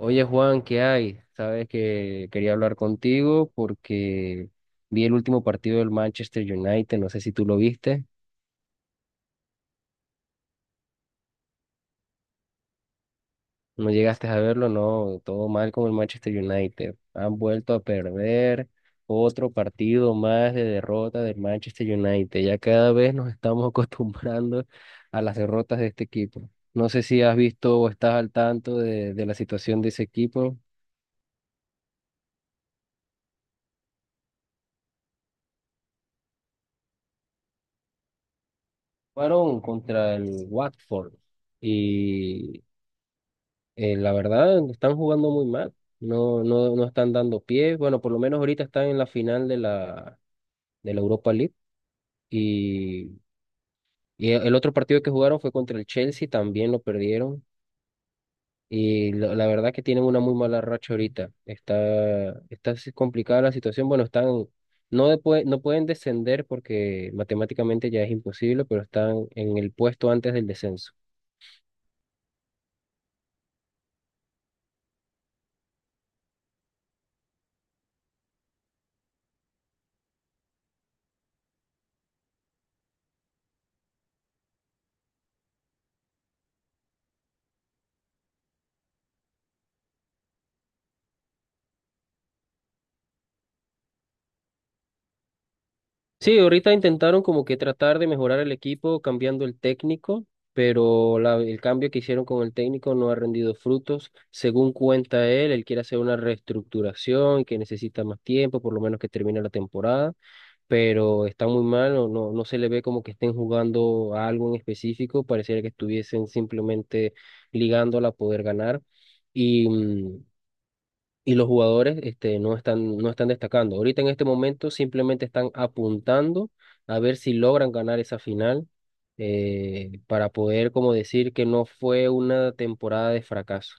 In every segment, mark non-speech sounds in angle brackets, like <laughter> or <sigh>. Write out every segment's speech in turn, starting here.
Oye Juan, ¿qué hay? Sabes que quería hablar contigo porque vi el último partido del Manchester United, no sé si tú lo viste, no llegaste a verlo, no, todo mal con el Manchester United. Han vuelto a perder otro partido más de derrota del Manchester United. Ya cada vez nos estamos <laughs> acostumbrando a las derrotas de este equipo. No sé si has visto o estás al tanto de la situación de ese equipo. Fueron contra el Watford. Y la verdad, están jugando muy mal. No, no, no están dando pie. Bueno, por lo menos ahorita están en la final de la Europa League. Y, y el otro partido que jugaron fue contra el Chelsea, también lo perdieron. Y la verdad que tienen una muy mala racha ahorita. Está así complicada la situación. Bueno, están, no, no pueden descender porque matemáticamente ya es imposible, pero están en el puesto antes del descenso. Sí, ahorita intentaron como que tratar de mejorar el equipo cambiando el técnico, pero el cambio que hicieron con el técnico no ha rendido frutos. Según cuenta él, él quiere hacer una reestructuración que necesita más tiempo, por lo menos que termine la temporada, pero está muy mal, no, no, no se le ve como que estén jugando a algo en específico, pareciera que estuviesen simplemente ligándola a poder ganar. Y mm, y los jugadores este, no están destacando. Ahorita en este momento simplemente están apuntando a ver si logran ganar esa final para poder como decir que no fue una temporada de fracaso.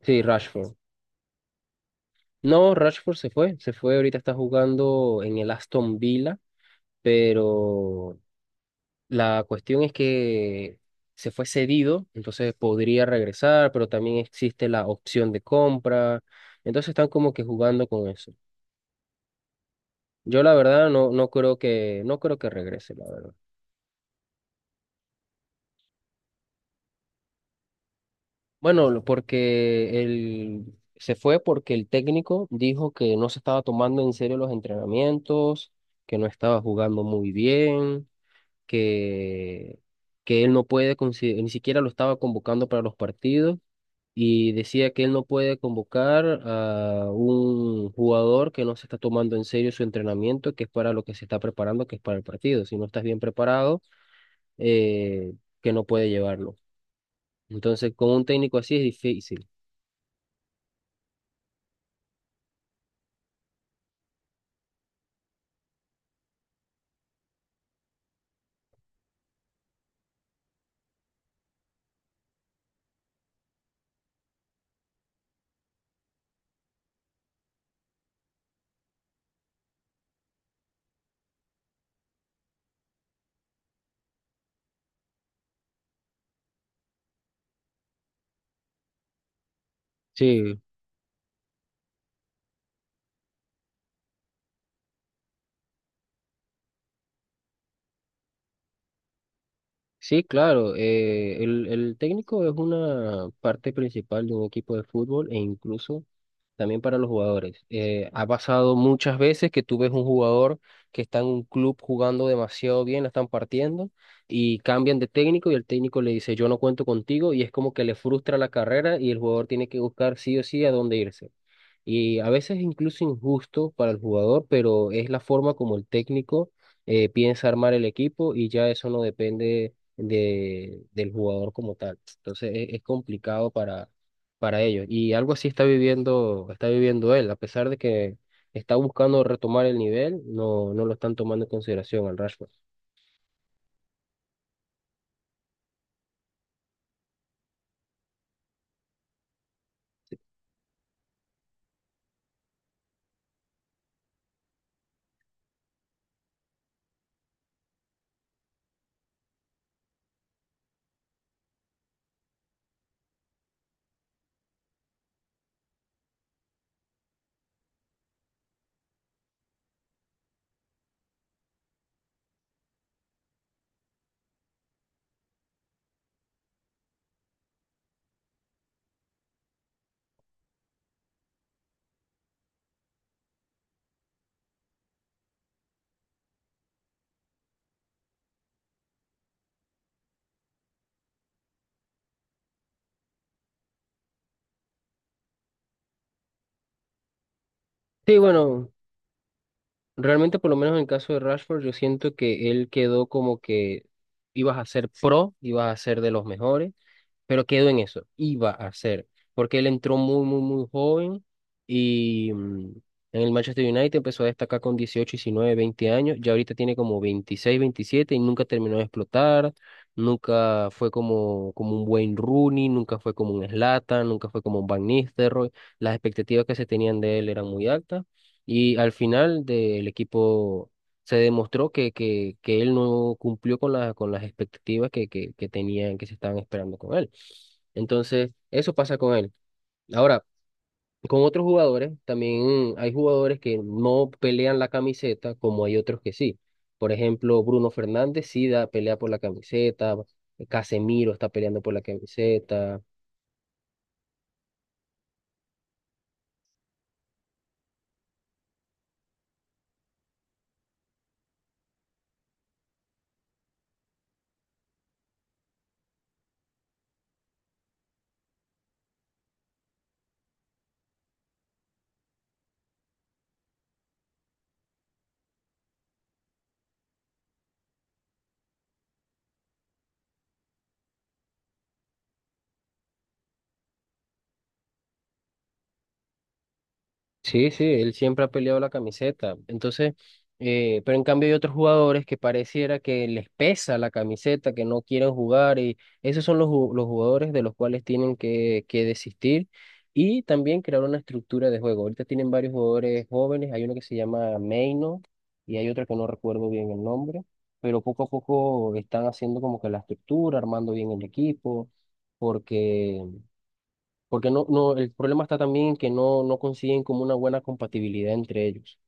Sí, Rashford. No, Rashford se fue, ahorita está jugando en el Aston Villa, pero la cuestión es que se fue cedido, entonces podría regresar, pero también existe la opción de compra, entonces están como que jugando con eso. Yo la verdad no creo que regrese, la verdad. Bueno, porque él se fue porque el técnico dijo que no se estaba tomando en serio los entrenamientos, que no estaba jugando muy bien, que, que él no puede, ni siquiera lo estaba convocando para los partidos y decía que él no puede convocar a un jugador que no se está tomando en serio su entrenamiento, que es para lo que se está preparando, que es para el partido. Si no estás bien preparado eh, que no puede llevarlo. Entonces, con un técnico así es difícil. Sí, sí, claro. El técnico es una parte principal de un equipo de fútbol e incluso también para los jugadores. Ha pasado muchas veces que tú ves un jugador que está en un club jugando demasiado bien, la están partiendo y cambian de técnico y el técnico le dice, yo no cuento contigo y es como que le frustra la carrera y el jugador tiene que buscar sí o sí a dónde irse. Y a veces incluso injusto para el jugador, pero es la forma como el técnico piensa armar el equipo y ya eso no depende del jugador como tal. Entonces es complicado para ellos y algo así está viviendo, él, a pesar de que está buscando retomar el nivel, no, no lo están tomando en consideración al Rashford. Sí, bueno, realmente por lo menos en el caso de Rashford, yo siento que él quedó como que ibas a ser pro, ibas a ser de los mejores pero quedó en eso, iba a ser, porque él entró muy, muy, muy joven y en el Manchester United empezó a destacar con 18, 19, 20 años, ya ahorita tiene como 26 27 y nunca terminó de explotar, nunca fue como un buen Rooney, nunca fue como un Zlatan, nunca fue como un Van Nistelrooy, las expectativas que se tenían de él eran muy altas. Y al final del equipo se demostró que él no cumplió con con las expectativas que tenían, que se estaban esperando con él. Entonces, eso pasa con él. Ahora, con otros jugadores, también hay jugadores que no pelean la camiseta como hay otros que sí. Por ejemplo, Bruno Fernández sí da, pelea por la camiseta, Casemiro está peleando por la camiseta, sí, sí, él siempre ha peleado la camiseta. Entonces, pero en cambio hay otros jugadores que pareciera que les pesa la camiseta, que no quieren jugar y esos son los jugadores de los cuales tienen que desistir y también crear una estructura de juego. Ahorita tienen varios jugadores jóvenes, hay uno que se llama Meino y hay otro que no recuerdo bien el nombre, pero poco a poco están haciendo como que la estructura, armando bien el equipo, porque... Porque no, no, el problema está también que no, no consiguen como una buena compatibilidad entre ellos.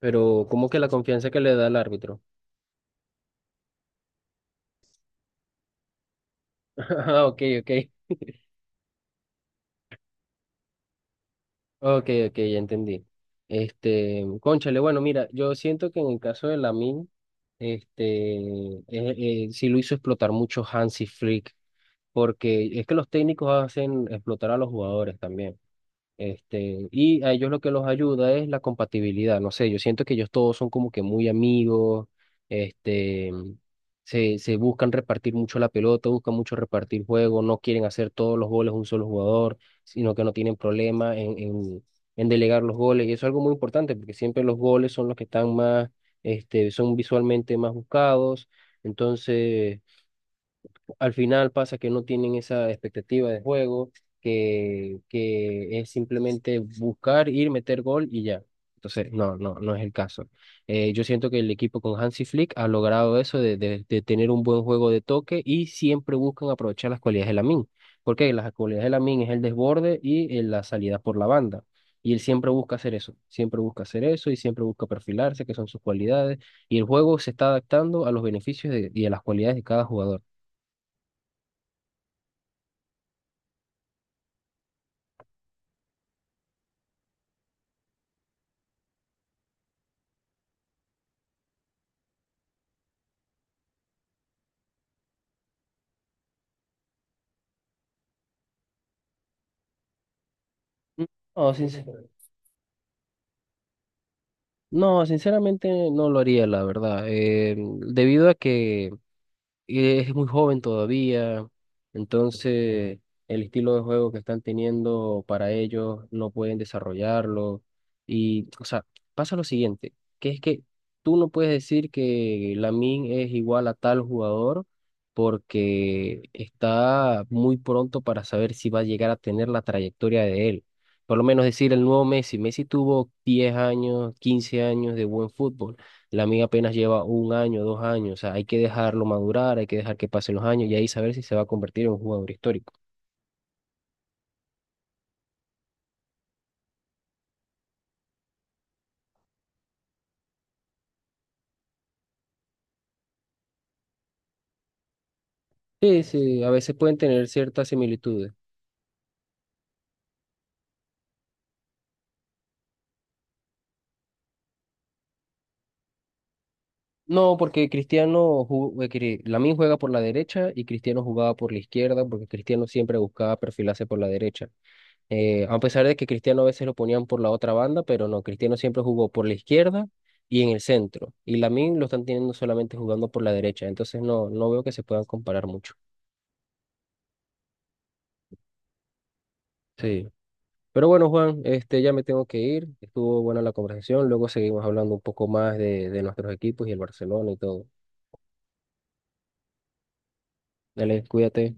Pero como que la confianza que le da el árbitro. <laughs> Ah, ok, ok. Ok, ok, ya entendí. Este, cónchale, bueno, mira, yo siento que en el caso de Lamin, este, sí lo hizo explotar mucho Hansi Flick, porque es que los técnicos hacen explotar a los jugadores también. Este, y a ellos lo que los ayuda es la compatibilidad. No sé, yo siento que ellos todos son como que muy amigos, este, se buscan repartir mucho la pelota, buscan mucho repartir juego, no quieren hacer todos los goles un solo jugador, sino que no tienen problema en, delegar los goles. Y eso es algo muy importante porque siempre los goles son los que están más, este, son visualmente más buscados. Entonces al final pasa que no tienen esa expectativa de juego, que es simplemente buscar, ir, meter gol y ya. Entonces, no, no, no es el caso. Yo siento que el equipo con Hansi Flick ha logrado eso de tener un buen juego de toque y siempre buscan aprovechar las cualidades de Lamine, porque las cualidades de Lamine es el desborde y la salida por la banda. Y él siempre busca hacer eso, siempre busca hacer eso y siempre busca perfilarse, que son sus cualidades. Y el juego se está adaptando a los beneficios y a las cualidades de cada jugador. No, sinceramente no lo haría, la verdad. Debido a que es muy joven todavía, entonces el estilo de juego que están teniendo para ellos no pueden desarrollarlo. Y, o sea, pasa lo siguiente, que es que tú no puedes decir que Lamine es igual a tal jugador porque está muy pronto para saber si va a llegar a tener la trayectoria de él. Por lo menos decir el nuevo Messi. Messi tuvo 10 años, 15 años de buen fútbol. La mía apenas lleva un año, 2 años, o sea, hay que dejarlo madurar, hay que dejar que pasen los años y ahí saber si se va a convertir en un jugador histórico. Sí, sí, a veces pueden tener ciertas similitudes. No, porque Cristiano, Lamine juega por la derecha y Cristiano jugaba por la izquierda, porque Cristiano siempre buscaba perfilarse por la derecha. A pesar de que Cristiano a veces lo ponían por la otra banda, pero no, Cristiano siempre jugó por la izquierda y en el centro. Y Lamine lo están teniendo solamente jugando por la derecha, entonces no, no veo que se puedan comparar mucho. Sí. Pero bueno, Juan, este, ya me tengo que ir. Estuvo buena la conversación. Luego seguimos hablando un poco más de nuestros equipos y el Barcelona y todo. Dale, cuídate.